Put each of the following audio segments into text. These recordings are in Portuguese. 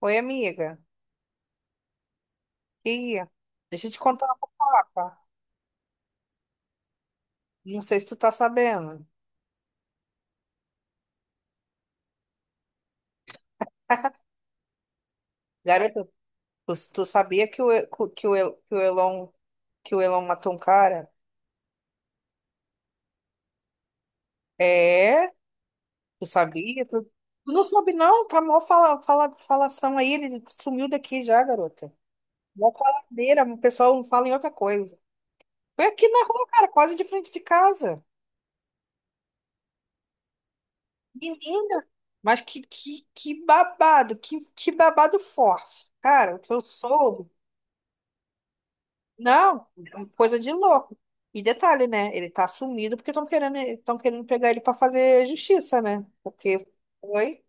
Oi, amiga. E deixa eu te contar uma fofoca. Não sei se tu tá sabendo. Garota, tu sabia que o, E- que o, E- que o Elon matou um cara? É, tu sabia? Tu não sabe não, tá mó falação aí, ele sumiu daqui já, garota. Mó faladeira, o pessoal não fala em outra coisa. Foi aqui na rua, cara, quase de frente de casa. Menina, mas que babado, que babado forte. Cara, o que eu soube. Não, coisa de louco. E detalhe, né? Ele tá sumido porque estão querendo pegar ele pra fazer justiça, né? Porque foi.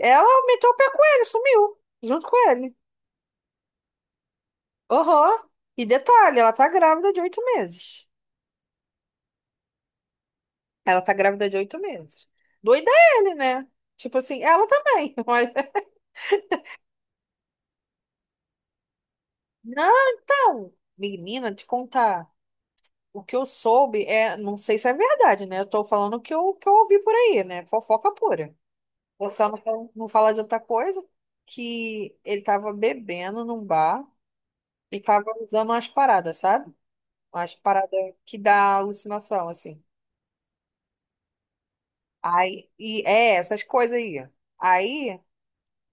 Ela meteu o pé com ele, sumiu, junto com ele. Aham. E detalhe, ela tá grávida de 8 meses. Ela tá grávida de oito meses. Doida é ele, né? Tipo assim, ela também. Não, menina, te contar. O que eu soube é, não sei se é verdade, né? Eu tô falando o que eu ouvi por aí, né? Fofoca pura. Vou só não, não falar de outra coisa, que ele tava bebendo num bar e tava usando umas paradas, sabe? Umas paradas que dá alucinação, assim. Aí, e é essas coisas aí. Aí, o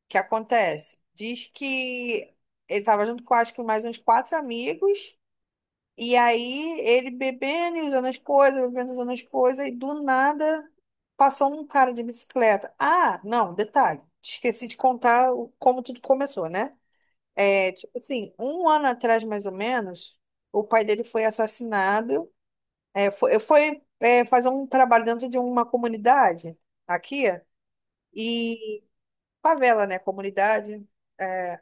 que acontece? Diz que ele tava junto com, acho que mais uns quatro amigos, e aí ele bebendo e usando as coisas, bebendo e usando as coisas, e do nada passou um cara de bicicleta. Ah, não, detalhe, esqueci de contar como tudo começou, né? É, tipo assim, um ano atrás, mais ou menos, o pai dele foi assassinado. É, foi, é, fazer um trabalho dentro de uma comunidade aqui, e favela, né? Comunidade. É,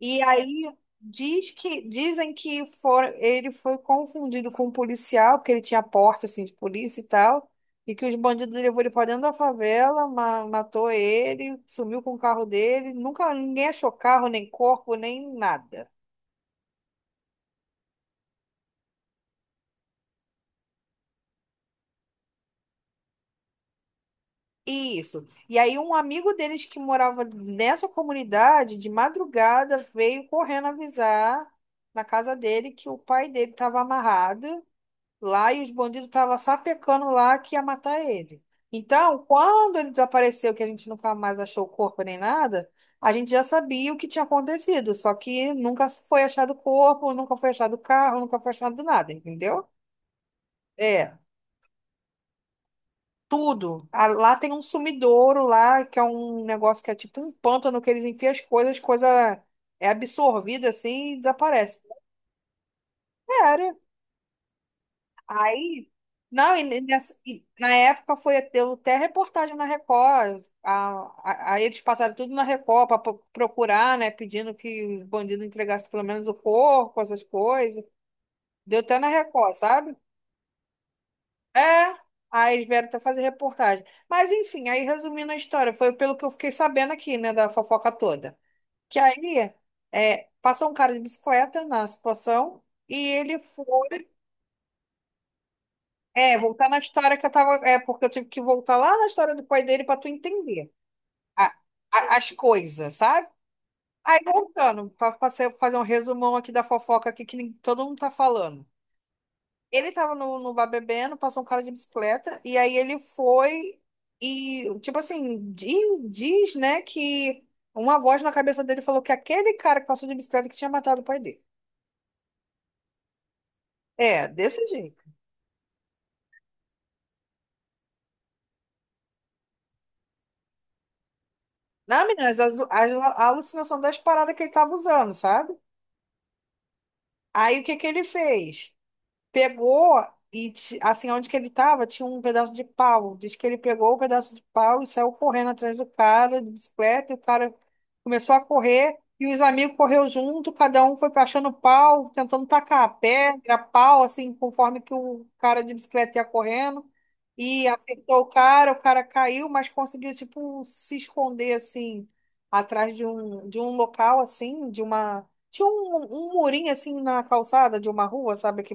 e aí diz que, dizem que foram, ele foi confundido com um policial, porque ele tinha porta assim, de polícia e tal, e que os bandidos levou ele para dentro da favela, matou ele, sumiu com o carro dele, nunca ninguém achou carro, nem corpo, nem nada. Isso. E aí um amigo deles que morava nessa comunidade, de madrugada, veio correndo avisar na casa dele que o pai dele estava amarrado lá e os bandidos estavam sapecando lá que ia matar ele. Então, quando ele desapareceu, que a gente nunca mais achou o corpo nem nada, a gente já sabia o que tinha acontecido, só que nunca foi achado o corpo, nunca foi achado o carro, nunca foi achado nada, entendeu? É. Tudo. Ah, lá tem um sumidouro lá, que é um negócio que é tipo um pântano que eles enfiam as coisas, coisa é absorvida assim e desaparece. Sério. Aí, não, e e na época foi deu até reportagem na Record. Aí eles passaram tudo na Record para procurar, né? Pedindo que os bandidos entregassem pelo menos o corpo, essas coisas. Deu até na Record, sabe? É, aí eles vieram até fazer reportagem. Mas enfim, aí resumindo a história, foi pelo que eu fiquei sabendo aqui, né, da fofoca toda. Que aí é, passou um cara de bicicleta na situação e ele foi. É, voltar na história que eu tava. É, porque eu tive que voltar lá na história do pai dele para tu entender a- as coisas, sabe? Aí voltando, para fazer um resumão aqui da fofoca aqui que todo mundo tá falando. Ele tava no, no bar bebendo, passou um cara de bicicleta, e aí ele foi e, tipo assim, diz, né, que uma voz na cabeça dele falou que aquele cara que passou de bicicleta que tinha matado o pai dele. É, desse jeito. Não, meninas, alucinação das paradas que ele tava usando, sabe? Aí o que que ele fez? Pegou e, assim, onde que ele tava, tinha um pedaço de pau. Diz que ele pegou o pedaço de pau e saiu correndo atrás do cara, de bicicleta, e o cara começou a correr, e os amigos correu junto, cada um foi achando pau, tentando tacar pedra, pau, assim, conforme que o cara de bicicleta ia correndo, e acertou o cara caiu, mas conseguiu, tipo, se esconder, assim, atrás de um local, assim, de uma. Tinha um, um murinho assim na calçada de uma rua, sabe? Que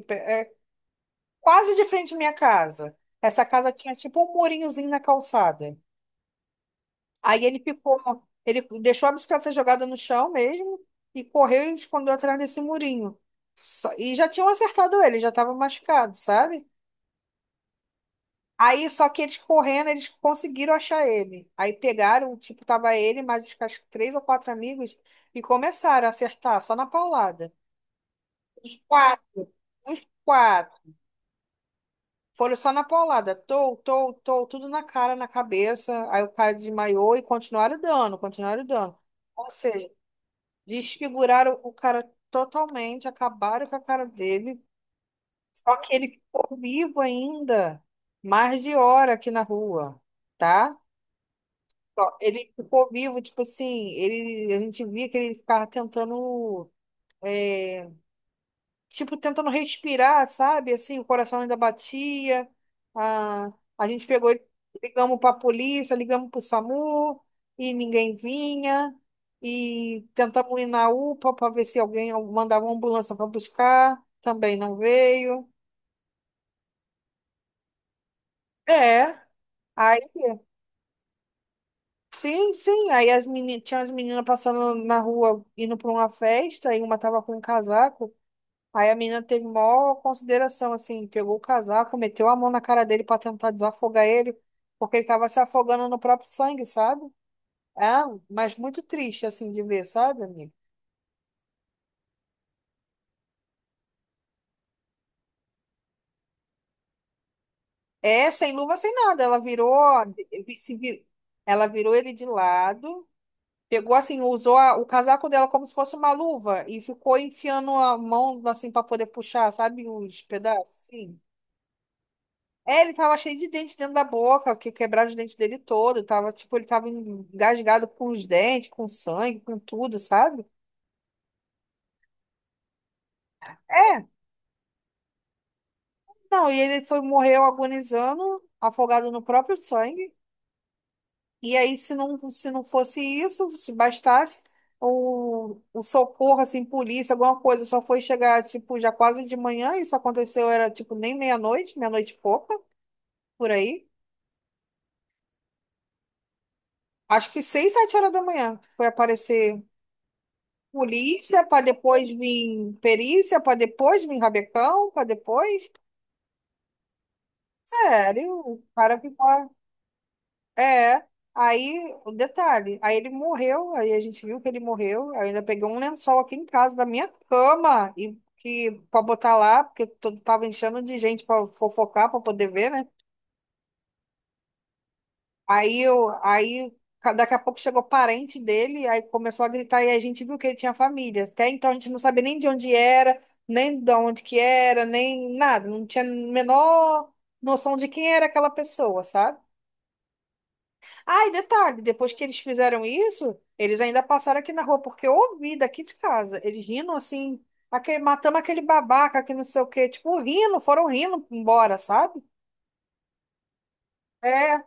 quase de frente à minha casa. Essa casa tinha tipo um murinhozinho na calçada. Aí ele ficou, ele deixou a bicicleta jogada no chão mesmo e correu e escondeu atrás desse murinho. E já tinham acertado ele, já estava machucado, sabe? Aí só que eles correndo, eles conseguiram achar ele. Aí pegaram, tipo, tava ele, mais os acho que três ou quatro amigos e começaram a acertar só na paulada. Os quatro, os quatro. Foram só na paulada, tou, tou, tou, tudo na cara, na cabeça. Aí o cara desmaiou e continuaram dando, continuaram dando. Ou seja, desfiguraram o cara totalmente, acabaram com a cara dele. Só que ele ficou vivo ainda, mais de hora aqui na rua, tá? Ó, ele ficou vivo, tipo assim, ele, a gente via que ele ficava tentando eh, tipo, tentando respirar, sabe? Assim, o coração ainda batia. A, a gente pegou, e ligamos para a polícia, ligamos para o SAMU e ninguém vinha. E tentamos ir na UPA para ver se alguém mandava uma ambulância para buscar, também não veio. É. Aí, sim, sim. Aí as tinha as meninas passando na rua indo para uma festa e uma tava com um casaco. Aí a menina teve maior consideração, assim, pegou o casaco, meteu a mão na cara dele para tentar desafogar ele, porque ele estava se afogando no próprio sangue, sabe? Ah, mas muito triste, assim, de ver, sabe, amigo? É, sem luva, sem nada. Ela virou, se vi- ela virou ele de lado, pegou, assim, usou o casaco dela como se fosse uma luva e ficou enfiando a mão, assim, para poder puxar, sabe, os pedaços, assim. É, ele tava cheio de dente dentro da boca, que quebraram os dentes dele todo. Tava, tipo, ele tava engasgado com os dentes, com sangue, com tudo, sabe? É. Não, e ele foi, morreu agonizando, afogado no próprio sangue. E aí, se não fosse isso, se bastasse, o socorro, assim, polícia, alguma coisa, só foi chegar, tipo, já quase de manhã. Isso aconteceu, era, tipo, nem meia-noite, meia-noite e pouca, por aí. Acho que 6, 7 horas da manhã foi aparecer polícia, para depois vir perícia, para depois vir rabecão, para depois. Sério, o cara ficou. É. Aí, o detalhe, aí ele morreu, aí a gente viu que ele morreu. Eu ainda peguei um lençol aqui em casa da minha cama e que para botar lá, porque todo tava enchendo de gente para fofocar, para poder ver, né? Aí eu, aí daqui a pouco chegou parente dele, aí começou a gritar e a gente viu que ele tinha família. Até então a gente não sabia nem de onde era, nem de onde que era, nem nada, não tinha a menor noção de quem era aquela pessoa, sabe? Ah, e detalhe, depois que eles fizeram isso, eles ainda passaram aqui na rua, porque eu ouvi daqui de casa, eles rindo assim, aquele, matamos aquele babaca, que não sei o quê, tipo, rindo, foram rindo embora, sabe? É.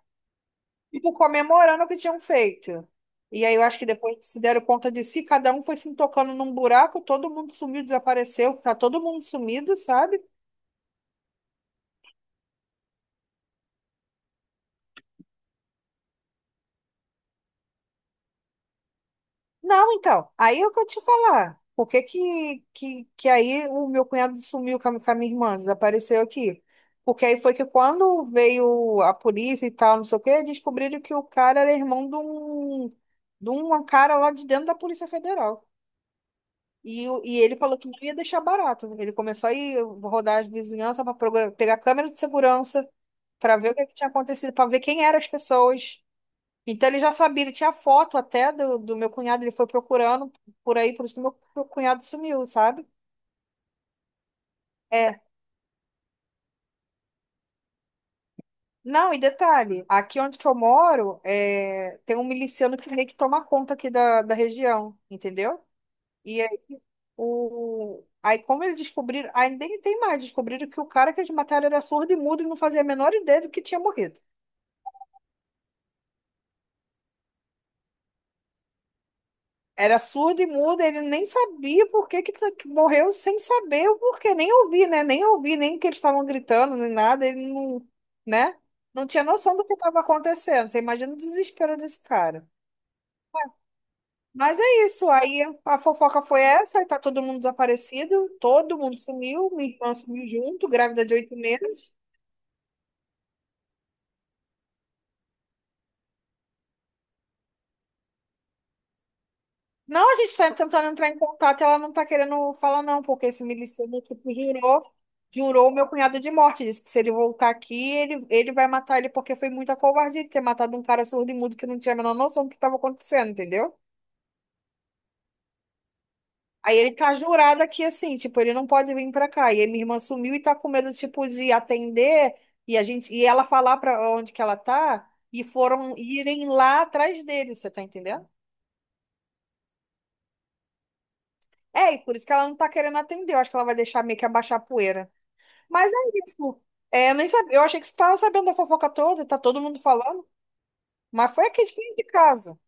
Tipo, comemorando o que tinham feito. E aí eu acho que depois que se deram conta de si, cada um foi se tocando num buraco, todo mundo sumiu, desapareceu, tá todo mundo sumido, sabe? Não, então, aí é o que eu te falar. Por que que aí o meu cunhado sumiu com a minha irmã, desapareceu aqui? Porque aí foi que quando veio a polícia e tal, não sei o quê, descobriram que o cara era irmão de um cara lá de dentro da Polícia Federal. E, e ele falou que não ia deixar barato. Ele começou a ir rodar as vizinhanças para pegar câmera de segurança para ver o que, é que tinha acontecido, para ver quem eram as pessoas. Então ele já sabia, ele tinha foto até do, do meu cunhado, ele foi procurando por aí, por isso que meu cunhado sumiu, sabe? É. Não, e detalhe, aqui onde que eu moro, é, tem um miliciano que meio que toma conta aqui da, da região, entendeu? E Aí, como eles descobriram, aí nem tem mais, descobriram que o cara que eles mataram era surdo e mudo e não fazia a menor ideia do que tinha morrido. Era surdo e mudo, ele nem sabia por que, que morreu, sem saber o porquê, nem ouvi, né? Nem ouvi, nem que eles estavam gritando, nem nada, ele não, né? Não tinha noção do que estava acontecendo. Você imagina o desespero desse cara. Mas é isso, aí a fofoca foi essa, aí tá todo mundo desaparecido, todo mundo sumiu, minha irmã sumiu junto, grávida de 8 meses. Não, a gente está tentando entrar em contato, ela não está querendo falar, não, porque esse miliciano que jurou o meu cunhado de morte. Disse que se ele voltar aqui, ele vai matar ele, porque foi muita covardia ele ter matado um cara surdo e mudo que não tinha a menor noção do que estava acontecendo, entendeu? Aí ele tá jurado aqui assim, tipo, ele não pode vir pra cá. E aí minha irmã sumiu e tá com medo, tipo, de atender e a gente e ela falar pra onde que ela tá e foram irem lá atrás dele, você tá entendendo? É, e por isso que ela não tá querendo atender. Eu acho que ela vai deixar meio que abaixar a poeira. Mas é isso. É, eu nem sabia. Eu achei que você estava sabendo da fofoca toda, tá todo mundo falando, mas foi aqui de frente de casa.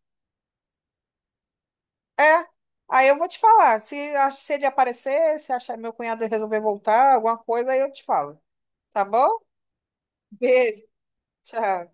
É. Aí eu vou te falar. Se, se ele aparecer, se achar meu cunhado resolver voltar, alguma coisa, aí eu te falo. Tá bom? Beijo. Tchau.